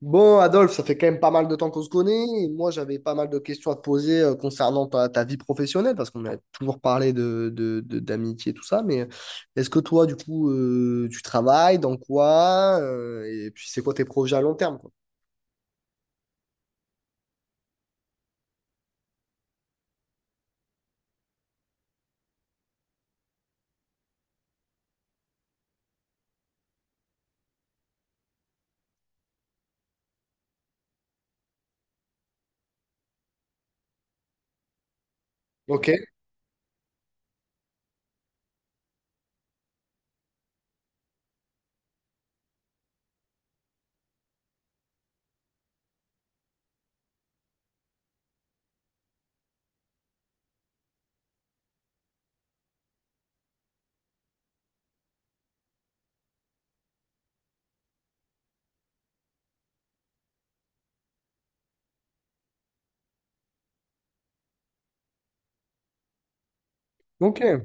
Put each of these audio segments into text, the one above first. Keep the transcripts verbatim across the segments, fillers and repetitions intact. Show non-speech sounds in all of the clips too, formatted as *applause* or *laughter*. Bon, Adolphe, ça fait quand même pas mal de temps qu'on se connaît. Et moi, j'avais pas mal de questions à te poser euh, concernant ta, ta vie professionnelle, parce qu'on a toujours parlé de, de, de- d'amitié, tout ça. Mais est-ce que toi, du coup, euh, tu travailles, dans quoi? Euh, et puis, c'est quoi tes projets à long terme, quoi? Ok, ok.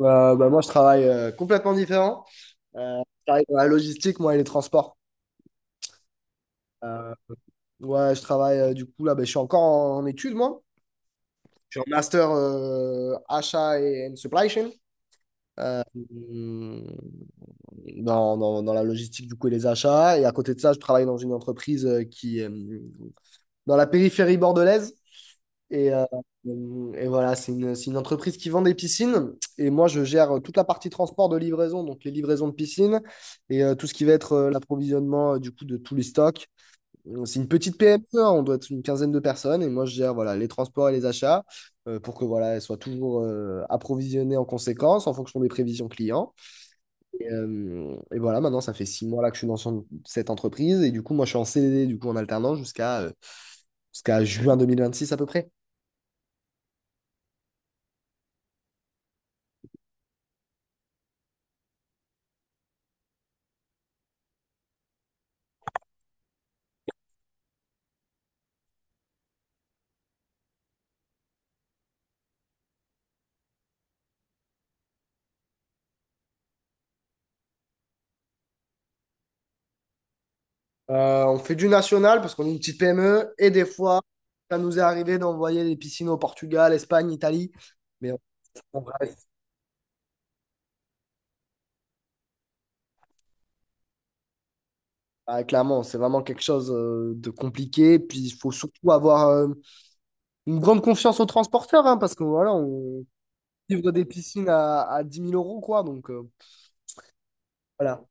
Euh, bah, moi, je travaille euh, complètement différent. Euh, je travaille dans la logistique, moi, et les transports. Euh, ouais, je travaille, euh, du coup, là, ben, je suis encore en, en études, moi. Je suis en master euh, achat et and supply chain. Hmm, dans, dans, dans la logistique du coup et les achats. Et à côté de ça, je travaille dans une entreprise euh, qui est euh, dans la périphérie bordelaise. Et, euh, euh, et voilà, c'est une, c'est une entreprise qui vend des piscines. Et moi, je gère toute la partie transport de livraison, donc les livraisons de piscines et euh, tout ce qui va être euh, l'approvisionnement euh, du coup de tous les stocks. Euh, C'est une petite P M E, hein, on doit être une quinzaine de personnes. Et moi, je gère voilà, les transports et les achats euh, pour que voilà, elles soient toujours euh, approvisionnées en conséquence en fonction des prévisions clients. Et, euh, et voilà, maintenant, ça fait six mois là que je suis dans son- cette entreprise. Et du coup, moi, je suis en C D D, du coup, en alternance jusqu'à euh, jusqu'à juin deux mille vingt-six à peu près. Euh, on fait du national parce qu'on est une petite P M E. Et des fois, ça nous est arrivé d'envoyer des piscines au Portugal, Espagne, Italie. Mais on- on reste- ah, clairement, c'est vraiment quelque chose euh, de compliqué. Puis, il faut surtout avoir euh, une grande confiance aux transporteurs hein, parce que voilà, on livre des piscines à, à dix mille euros, quoi. Donc, euh, voilà.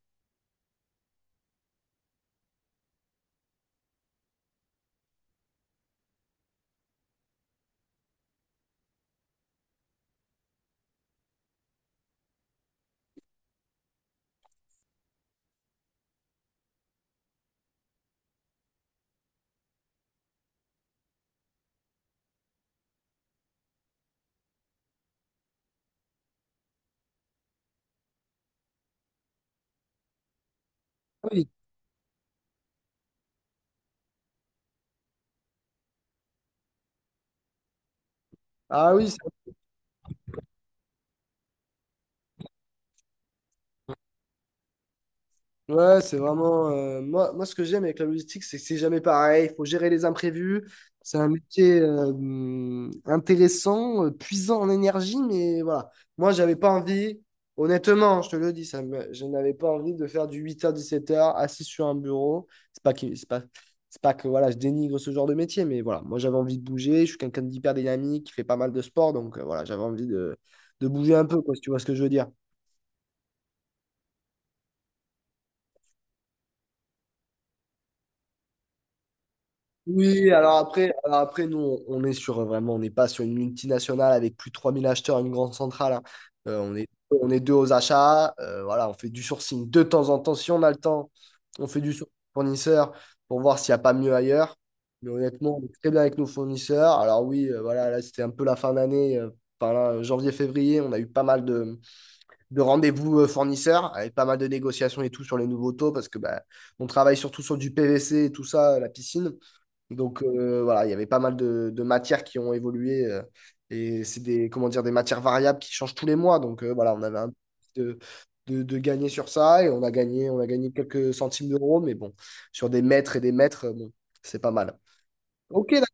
Ah oui, ah oui, ouais, c'est vraiment. euh, moi, moi, ce que j'aime avec la logistique, c'est que c'est jamais pareil. Il faut gérer les imprévus. C'est un métier euh, hum, intéressant, euh, puisant en énergie, mais voilà. Moi, j'avais pas envie, honnêtement, je te le dis, ça me- je n'avais pas envie de faire du huit heures dix-sept heures assis sur un bureau. C'est pas que, c'est pas, c'est pas que voilà, je dénigre ce genre de métier, mais voilà. Moi, j'avais envie de bouger. Je suis quelqu'un d'hyper dynamique, qui fait pas mal de sport, donc euh, voilà, j'avais envie de, de bouger un peu, quoi, si tu vois ce que je veux dire. Oui, alors après, alors après nous, on on est sur euh, vraiment, on n'est pas sur une multinationale avec plus de trois mille acheteurs, une grande centrale, hein. Euh, on est, on est deux aux achats. euh, voilà, on fait du sourcing de temps en temps. Si on a le temps, on fait du sourcing fournisseur pour voir s'il n'y a pas mieux ailleurs. Mais honnêtement, on est très bien avec nos fournisseurs. Alors oui, euh, voilà, là, c'était un peu la fin d'année. euh, Enfin, là, euh, janvier-février, on a eu pas mal de, de rendez-vous euh, fournisseurs avec pas mal de négociations et tout sur les nouveaux taux parce que bah, on travaille surtout sur du P V C et tout ça, euh, la piscine. Donc euh, voilà, il y avait pas mal de, de matières qui ont évolué euh, et c'est des, comment dire, des matières variables qui changent tous les mois. Donc euh, voilà, on avait un peu de, de, de gagner sur ça et on a gagné, on a gagné quelques centimes d'euros, mais bon, sur des mètres et des mètres, euh, bon, c'est pas mal. Ok, là,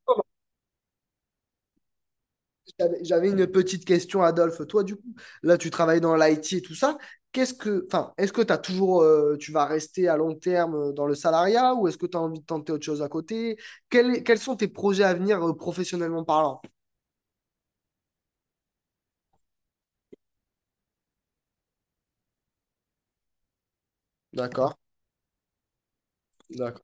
j'avais j'avais une petite question, Adolphe. Toi, du coup, là, tu travailles dans l'I T et tout ça. Qu'est-ce que, enfin, est-ce que t'as toujours, euh, tu vas rester à long terme euh, dans le salariat ou est-ce que tu as envie de tenter autre chose à côté? Quels, quels sont tes projets à venir, euh, professionnellement parlant? D'accord, d'accord.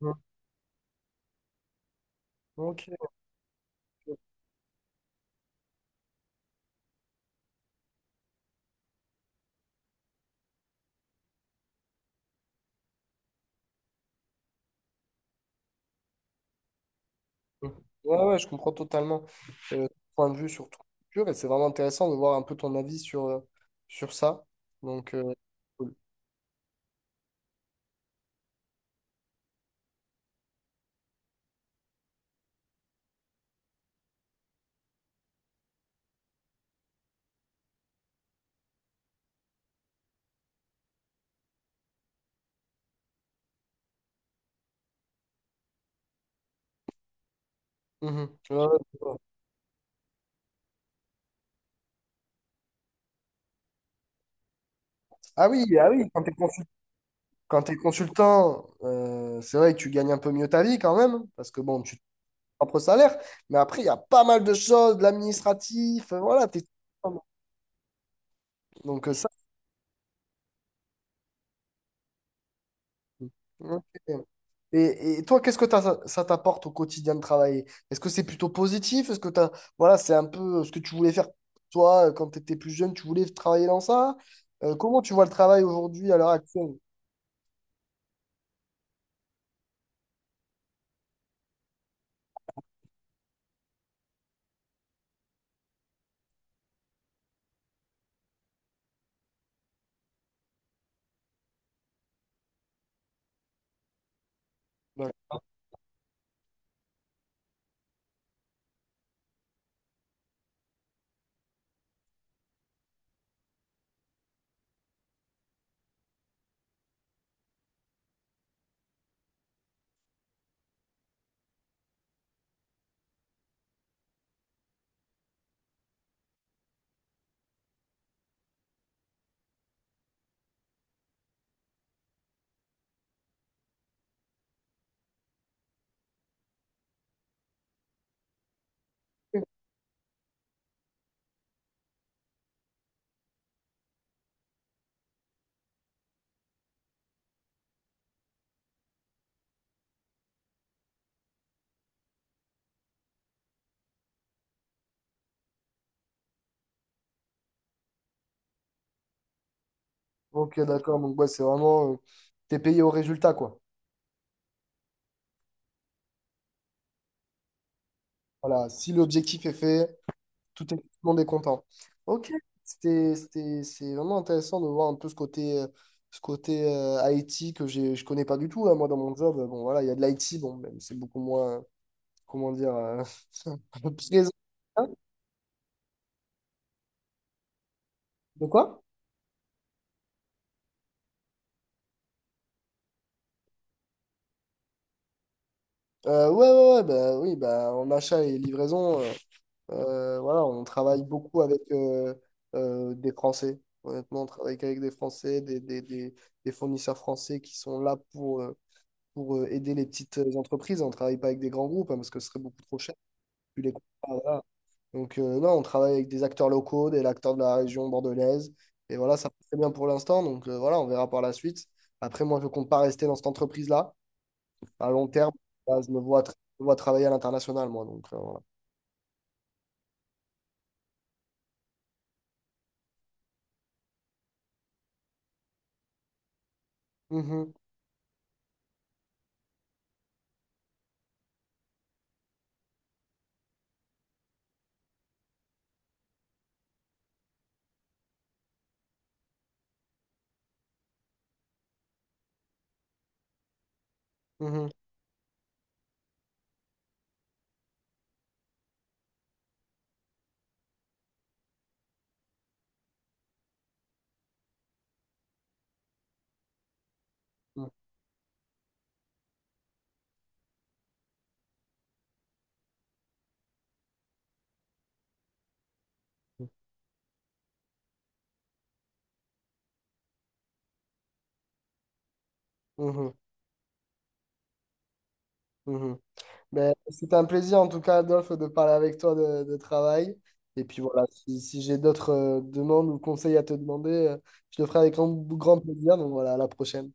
Mm. Ok. Mm. Ouais, ouais, je comprends totalement euh, ton point de vue sur ton culture et c'est vraiment intéressant de voir un peu ton avis sur, euh, sur ça. Donc, euh, cool. Mhm. Ouais, ouais. Ah oui, ah oui, quand t'es consul- quand t'es consultant, euh, c'est vrai que tu gagnes un peu mieux ta vie quand même, parce que bon, tu as ton propre salaire, mais après, il y a pas mal de choses, de l'administratif, euh, voilà, t'es... Donc, euh, ça Ok. Et, et toi, qu'est-ce que t'as- ça t'apporte au quotidien de travailler? Est-ce que c'est plutôt positif? Est-ce que t'as, voilà, c'est un peu ce que tu voulais faire toi euh, quand tu étais plus jeune, tu voulais travailler dans ça? Euh, comment tu vois le travail aujourd'hui à l'heure actuelle? D'accord. Ok, d'accord. Donc, ouais, c'est vraiment, euh, t'es payé au résultat, quoi. Voilà. Si l'objectif est fait, Tout est, tout le monde est content. Ok, c'était, c'était, c'est vraiment intéressant de voir un peu ce côté, euh, ce côté euh, I T que j'ai, je connais pas du tout, hein. Moi, dans mon job, euh, bon, voilà, il y a de l'I T, bon, même c'est beaucoup moins, comment dire, euh, *laughs* un peu présent. Hein? De quoi? Euh, ouais, ouais, ouais, bah, oui, bah, en achat et livraison, euh, euh, voilà, on travaille beaucoup avec euh, euh, des Français. Honnêtement, on travaille qu'avec des Français, des, des, des, des fournisseurs français qui sont là pour, euh, pour euh, aider les petites euh, entreprises. On ne travaille pas avec des grands groupes hein, parce que ce serait beaucoup trop cher. Tu les comprends, voilà. Donc, euh, non, on travaille avec des acteurs locaux, des acteurs de la région bordelaise. Et voilà, ça passe très bien pour l'instant. Donc, euh, voilà, on verra par la suite. Après, moi, je ne compte pas rester dans cette entreprise-là. À long terme, là, je me vois, tra- je me vois travailler à l'international, moi. Donc, euh, voilà. Mhm, mhm, mhm, mhm, mhm. Mais c'est un plaisir en tout cas, Adolphe, de parler avec toi de, de travail. Et puis voilà, si, si j'ai d'autres euh, demandes ou conseils à te demander, euh, je le ferai avec grand, grand plaisir. Donc voilà, à la prochaine.